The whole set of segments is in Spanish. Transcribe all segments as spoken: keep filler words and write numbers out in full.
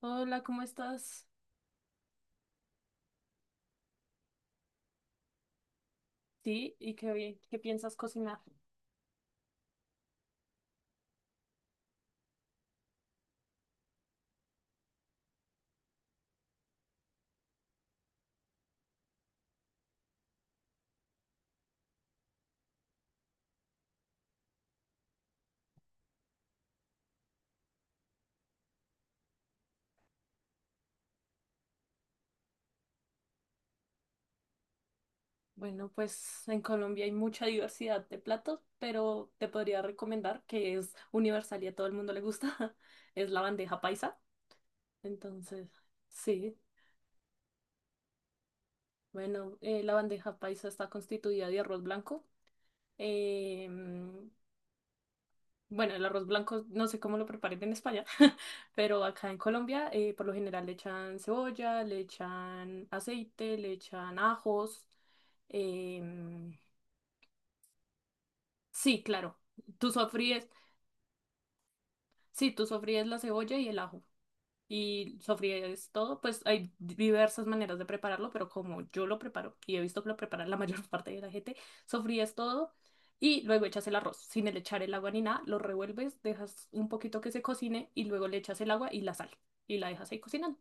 Hola, ¿cómo estás? Sí, ¿y qué, bien- qué piensas cocinar? Bueno, pues en Colombia hay mucha diversidad de platos, pero te podría recomendar que es universal y a todo el mundo le gusta, es la bandeja paisa. Entonces, sí, bueno, eh, la bandeja paisa está constituida de arroz blanco. em, Bueno, el arroz blanco no sé cómo lo preparen en España, pero acá en Colombia eh, por lo general le echan cebolla, le echan aceite, le echan ajos. em, sí, claro, tú sofríes, sí, tú sofríes la cebolla y el ajo. Y sofríes todo, pues hay diversas maneras de prepararlo, pero como yo lo preparo y he visto que lo prepara la mayor parte de la gente, sofríes todo y luego echas el arroz sin el echar el agua ni nada, lo revuelves, dejas un poquito que se cocine y luego le echas el agua y la sal y la dejas ahí cocinando.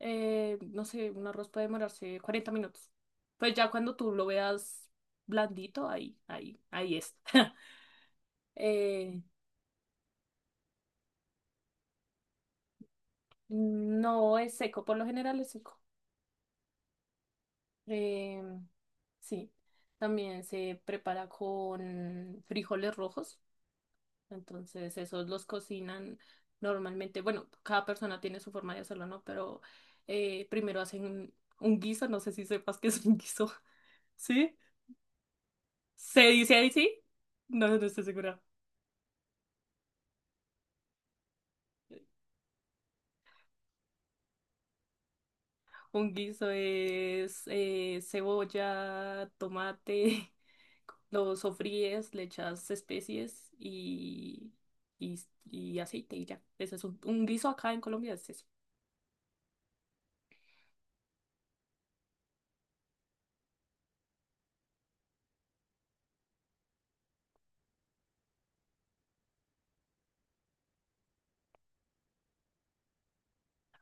Eh, no sé, un arroz puede demorarse cuarenta minutos. Pues ya cuando tú lo veas blandito, ahí, ahí, ahí es. Eh, no es seco, por lo general es seco. Eh, sí, también se prepara con frijoles rojos, entonces esos los cocinan normalmente, bueno, cada persona tiene su forma de hacerlo, ¿no? Pero eh, primero hacen un guiso, no sé si sepas qué es un guiso. ¿Sí? ¿Se dice ahí sí? No, no estoy segura. Un guiso es eh, cebolla, tomate, lo sofríes, le echas especies y, y, y aceite y ya. Ese es un, un guiso acá en Colombia, es eso.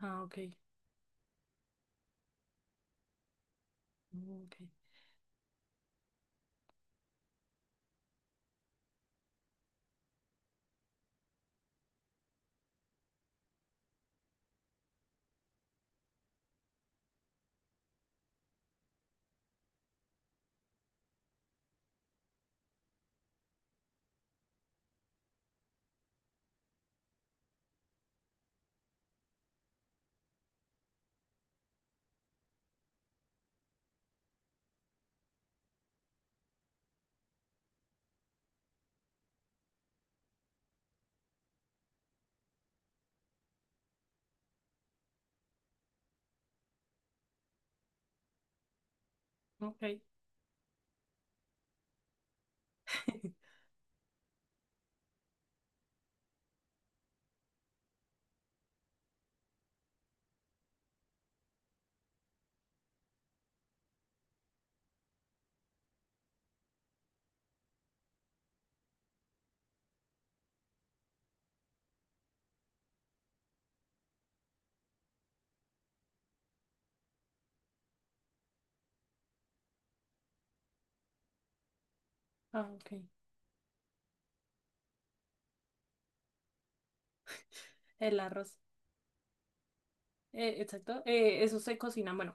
Ah, ok. Ok. Ok. Ah, ok. El arroz. Eh, exacto. Eh, eso se cocina. Bueno,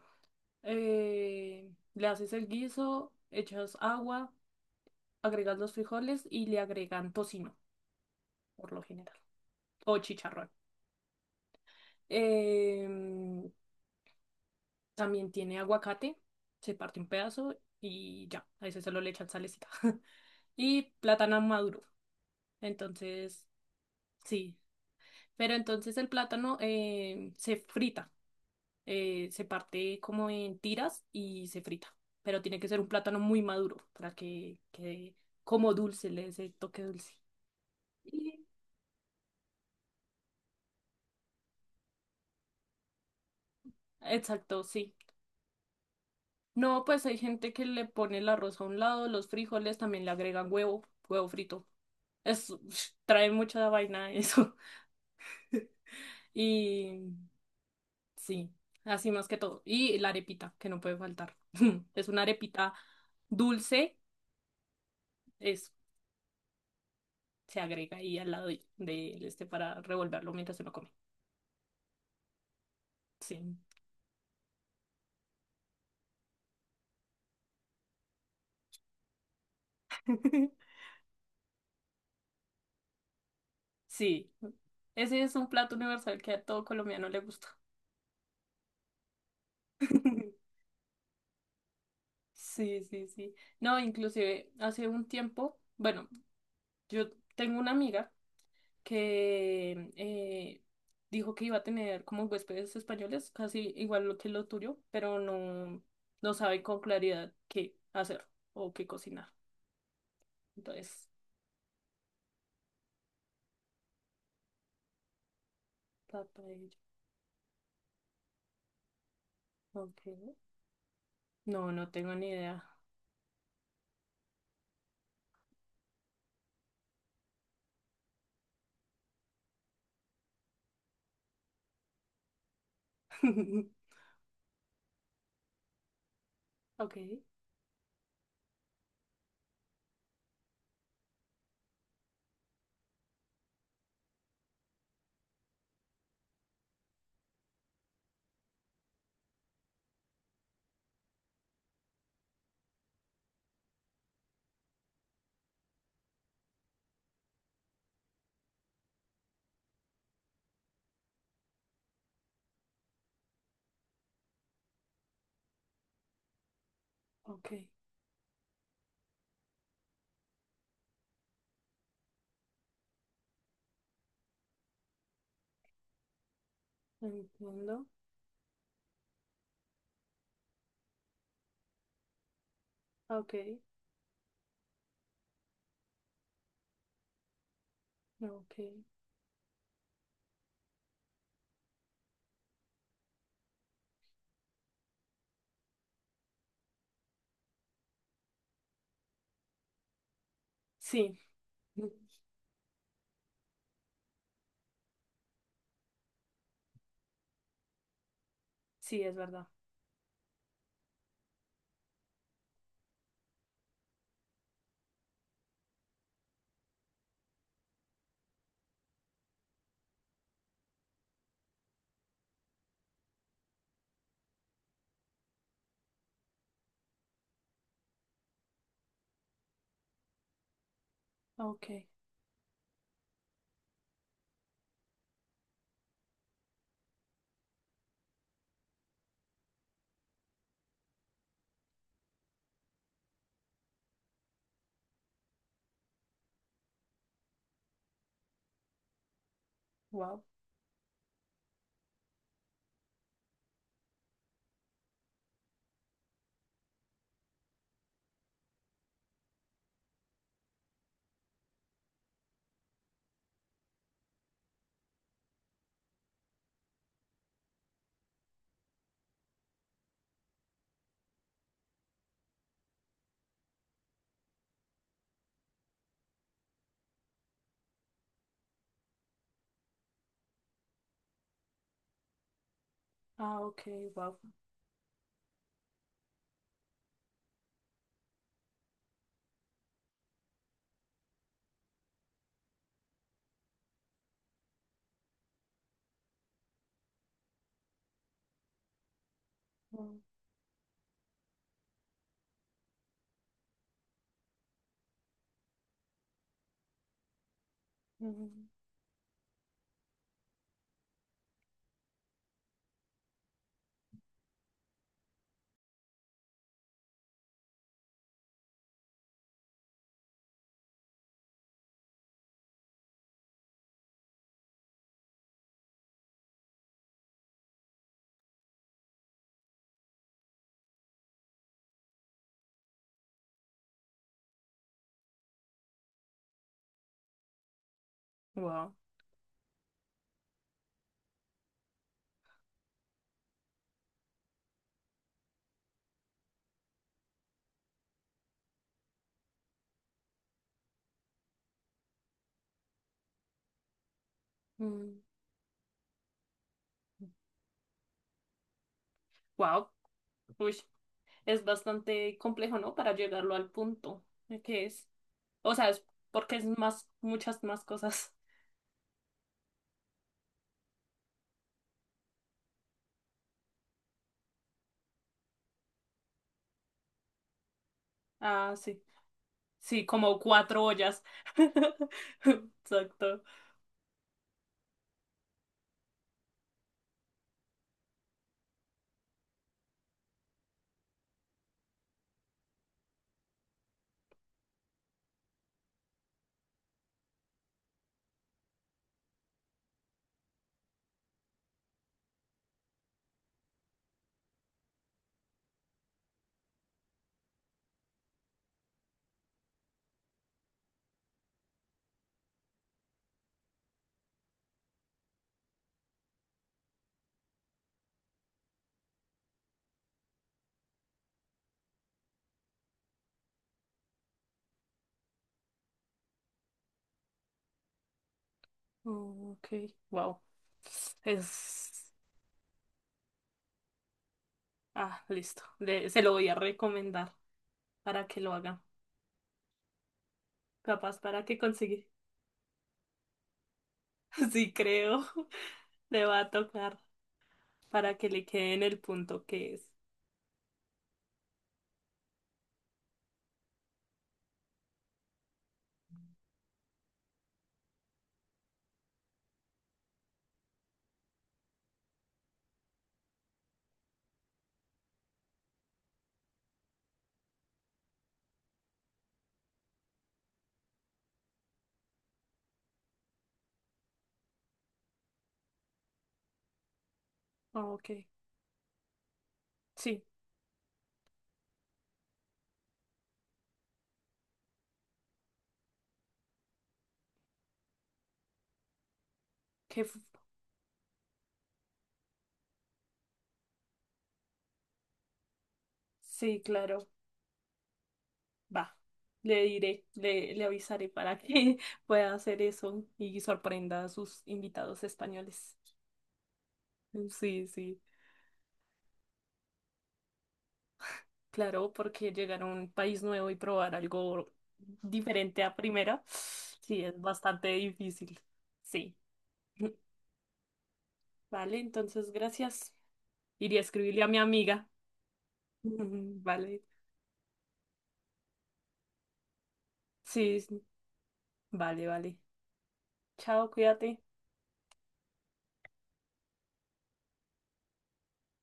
eh, le haces el guiso, echas agua, agregas los frijoles y le agregan tocino, por lo general. O chicharrón. Em, También tiene aguacate, se parte un pedazo y ya, a ese solo le echan salecita. Y plátano maduro. Entonces, sí. Pero entonces el plátano eh, se frita, eh, se parte como en tiras y se frita. Pero tiene que ser un plátano muy maduro para que quede como dulce, le dé ese toque dulce. Y- Exacto, sí. No, pues hay gente que le pone el arroz a un lado, los frijoles también le agregan huevo, huevo frito. Es, trae mucha vaina eso. Y sí, así más que todo. Y la arepita, que no puede faltar. Es una arepita dulce, es, se agrega ahí al lado de, de este para revolverlo mientras uno come. Sí. Sí, ese es un plato universal que a todo colombiano le gusta. Sí, sí, sí. No, inclusive hace un tiempo, bueno, yo tengo una amiga que eh, dijo que iba a tener como huéspedes españoles, casi igual lo que lo tuyo, pero no, no sabe con claridad qué hacer o qué cocinar. Entonces, está para ello. Ok. No, no tengo ni idea. Ok, ok, entiendo. Ok, ok. Sí, sí, es verdad. Ok, wow. Ah, ok, wow. Wow. Wow. Mm, wow. Es bastante complejo, ¿no? Para llegarlo al punto que es. O sea, es porque es más, muchas más cosas. Ah, sí. Sí, como cuatro ollas. Exacto. Oh, ok, wow. Es. Ah, listo. Le- se lo voy a recomendar para que lo haga. Capaz para que consiga. Sí, creo. Le va a tocar para que le quede en el punto que es. Ah, ok. Sí, que f- sí, claro. Va, le diré, le, le avisaré para que pueda hacer eso y sorprenda a sus invitados españoles. Sí, sí, claro, porque llegar a un país nuevo y probar algo diferente a primera, sí, es bastante difícil. Sí, vale, entonces gracias. Iría a escribirle a mi amiga. Vale, sí, sí. Vale, vale. Chao, cuídate.